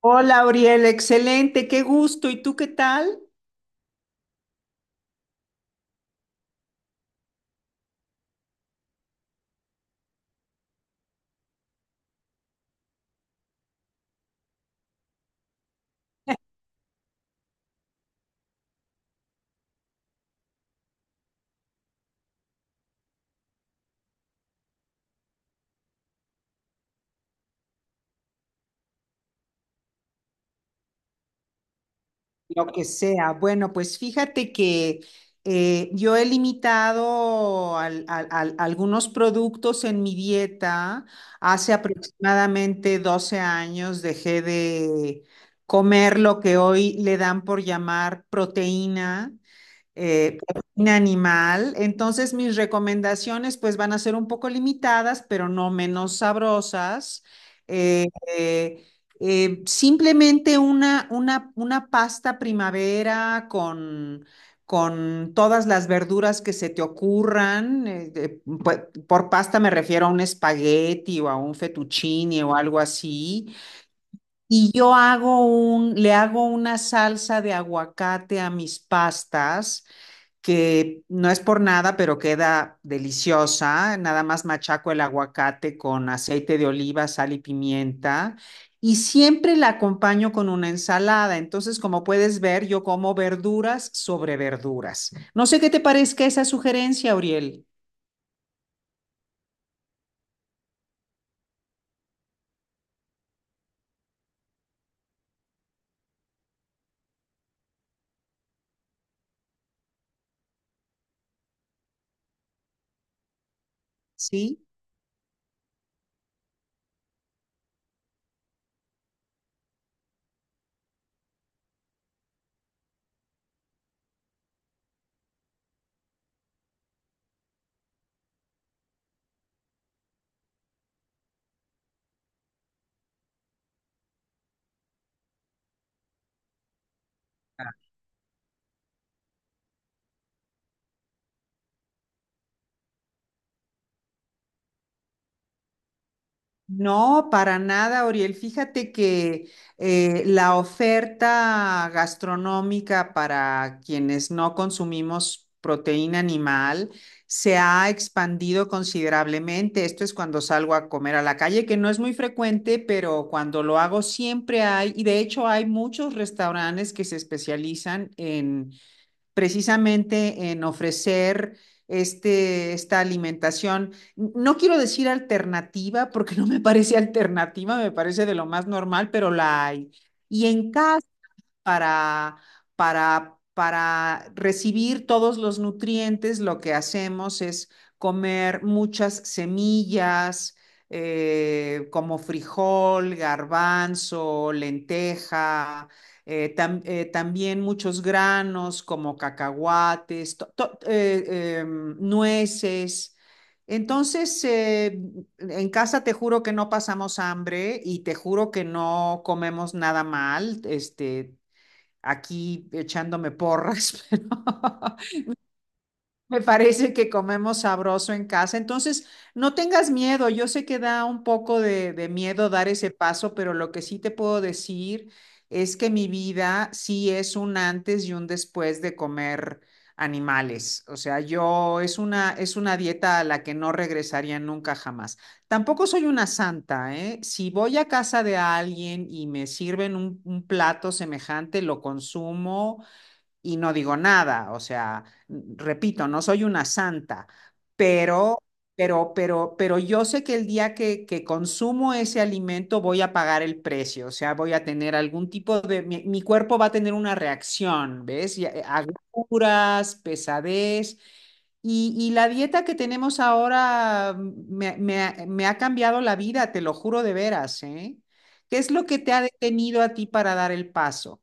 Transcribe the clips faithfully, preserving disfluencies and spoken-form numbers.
Hola, Auriel, excelente, qué gusto. ¿Y tú qué tal? Lo que sea. Bueno, pues fíjate que eh, yo he limitado al- al- al- algunos productos en mi dieta. Hace aproximadamente doce años dejé de comer lo que hoy le dan por llamar proteína. Eh, proteína animal. Entonces, mis recomendaciones pues van a ser un poco limitadas, pero no menos sabrosas. Eh, eh, eh, Simplemente una, una, una pasta primavera con, con todas las verduras que se te ocurran. Eh, eh, pu- por pasta me refiero a un espagueti o a un fettuccine o algo así. Y yo hago un, le hago una salsa de aguacate a mis pastas que no es por nada, pero queda deliciosa. Nada más machaco el aguacate con aceite de oliva, sal y pimienta. Y siempre la acompaño con una ensalada. Entonces, como puedes ver, yo como verduras sobre verduras. No sé qué te parezca esa sugerencia, Auriel. ¿Sí? No, para nada, Oriel. Fíjate que eh, la oferta gastronómica para quienes no consumimos proteína animal se ha expandido considerablemente. Esto es cuando salgo a comer a la calle, que no es muy frecuente, pero cuando lo hago siempre hay, y de hecho hay muchos restaurantes que se especializan en precisamente en ofrecer este, esta alimentación, no quiero decir alternativa, porque no me parece alternativa, me parece de lo más normal, pero la hay. Y en cada para, para, para recibir todos los nutrientes, lo que hacemos es comer muchas semillas, eh, como frijol, garbanzo, lenteja, eh, tam- eh, también muchos granos como cacahuates, to- to- eh, em, nueces. Entonces, eh, en casa te juro que no pasamos hambre y te juro que no comemos nada mal. Este, aquí echándome porras, pero me parece que comemos sabroso en casa. Entonces, no tengas miedo. Yo sé que da un poco de, de miedo dar ese paso, pero lo que sí te puedo decir es que mi vida sí es un antes y un después de comer animales. O sea, yo es una, es una dieta a la que no regresaría nunca jamás. Tampoco soy una santa, ¿eh? Si voy a casa de alguien y me sirven un, un plato semejante, lo consumo y no digo nada, o sea, n- repito, no soy una santa, pero, pero, pero, pero yo sé que el día que, que consumo ese alimento voy a pagar el precio, o sea, voy a tener algún tipo de, mi, mi cuerpo va a tener una reacción, ¿ves? Ya, eh, agruras, pesadez. Y, y la dieta que tenemos ahora me, me ha me ha cambiado la vida, te lo juro de veras, ¿eh? ¿Qué es lo que te ha detenido a ti para dar el paso?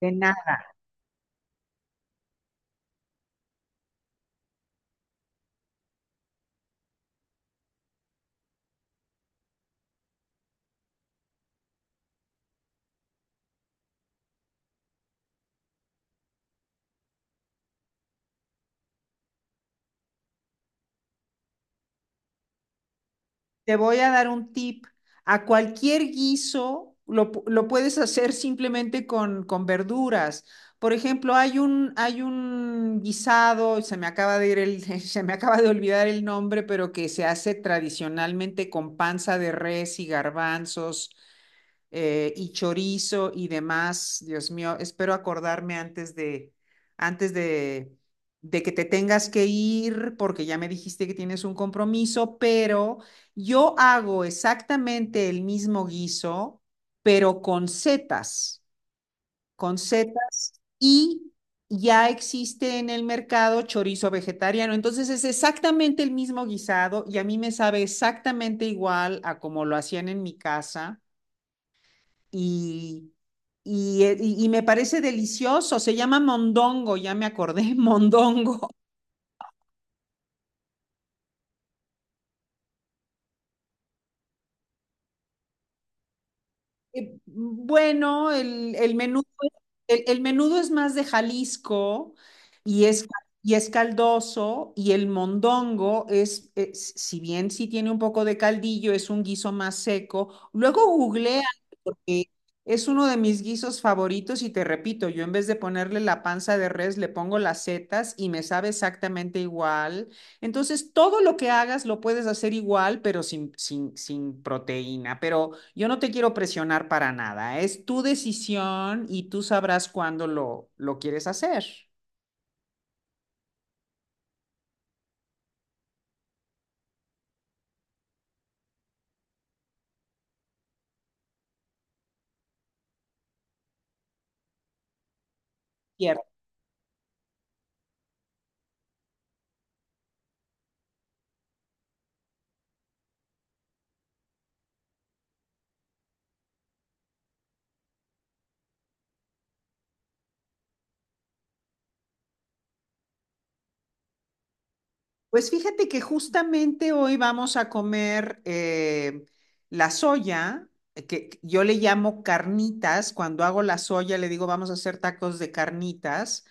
De nada. Te voy a dar un tip. A cualquier guiso lo, pu- lo puedes hacer simplemente con, con verduras. Por ejemplo, hay un, hay un guisado, se me acaba de ir el, se me acaba de olvidar el nombre, pero que se hace tradicionalmente con panza de res y garbanzos eh, y chorizo y demás. Dios mío, espero acordarme antes de, antes de, de que te tengas que ir, porque ya me dijiste que tienes un compromiso, pero yo hago exactamente el mismo guiso, pero con setas, con setas y... Ya existe en el mercado chorizo vegetariano, entonces es exactamente el mismo guisado y a mí me sabe exactamente igual a como lo hacían en mi casa y, y, eh, y, y me parece delicioso. Se llama mondongo, ya me acordé, mondongo. Eh, Bueno, el, el menudo, el, el menudo es más de Jalisco y es, y es caldoso y el mondongo es, es- si bien sí tiene un poco de caldillo, es un guiso más seco. Luego googleas. Y es uno de mis guisos favoritos y te repito, yo en vez de ponerle la panza de res, le pongo las setas y me sabe exactamente igual. Entonces, todo lo que hagas lo puedes hacer igual, pero sin, sin, sin proteína. Pero yo no te quiero presionar para nada. Es tu decisión y tú sabrás cuándo lo, lo quieres hacer. Pues fíjate que justamente hoy vamos a comer eh, la soya, eh, que que yo le llamo carnitas. Cuando hago la soya, le digo, vamos a hacer tacos de carnitas.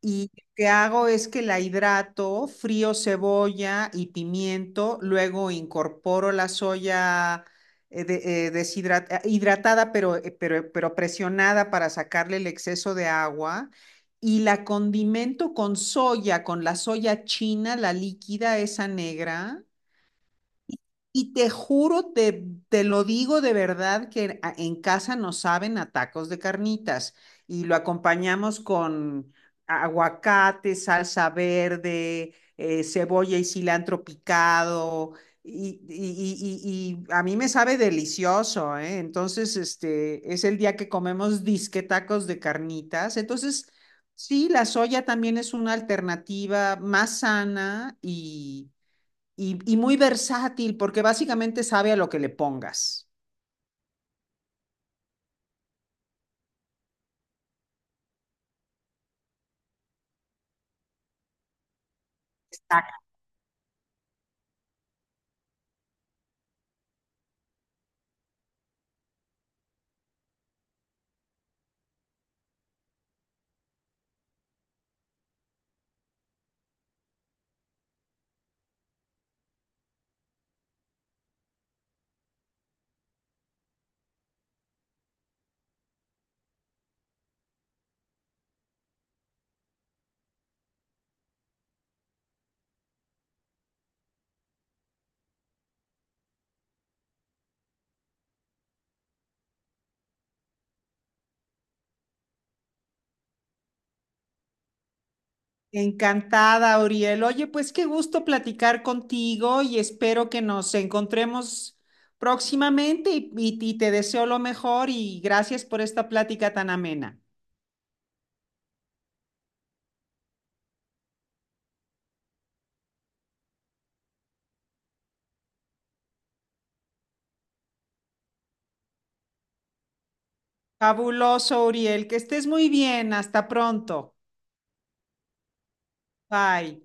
Y lo que hago es que la hidrato, frío cebolla y pimiento, luego incorporo la soya eh, de- eh, deshidrat- eh, hidratada, pero, eh, pero, pero presionada para sacarle el exceso de agua, y la condimento con soya, con la soya china, la líquida, esa negra. Y te juro, te, te lo digo de verdad, que en, a- en casa nos saben a tacos de carnitas y lo acompañamos con aguacate, salsa verde, eh, cebolla y cilantro picado. Y, y- y- y- y a mí me sabe delicioso, ¿eh? Entonces, este es el día que comemos disque tacos de carnitas. Entonces, sí, la soya también es una alternativa más sana y y, y muy versátil porque básicamente sabe a lo que le pongas. Exacto. Encantada, Uriel. Oye, pues qué gusto platicar contigo y espero que nos encontremos próximamente y, y- y te deseo lo mejor y gracias por esta plática tan amena. Fabuloso, Uriel. Que estés muy bien. Hasta pronto. Bye.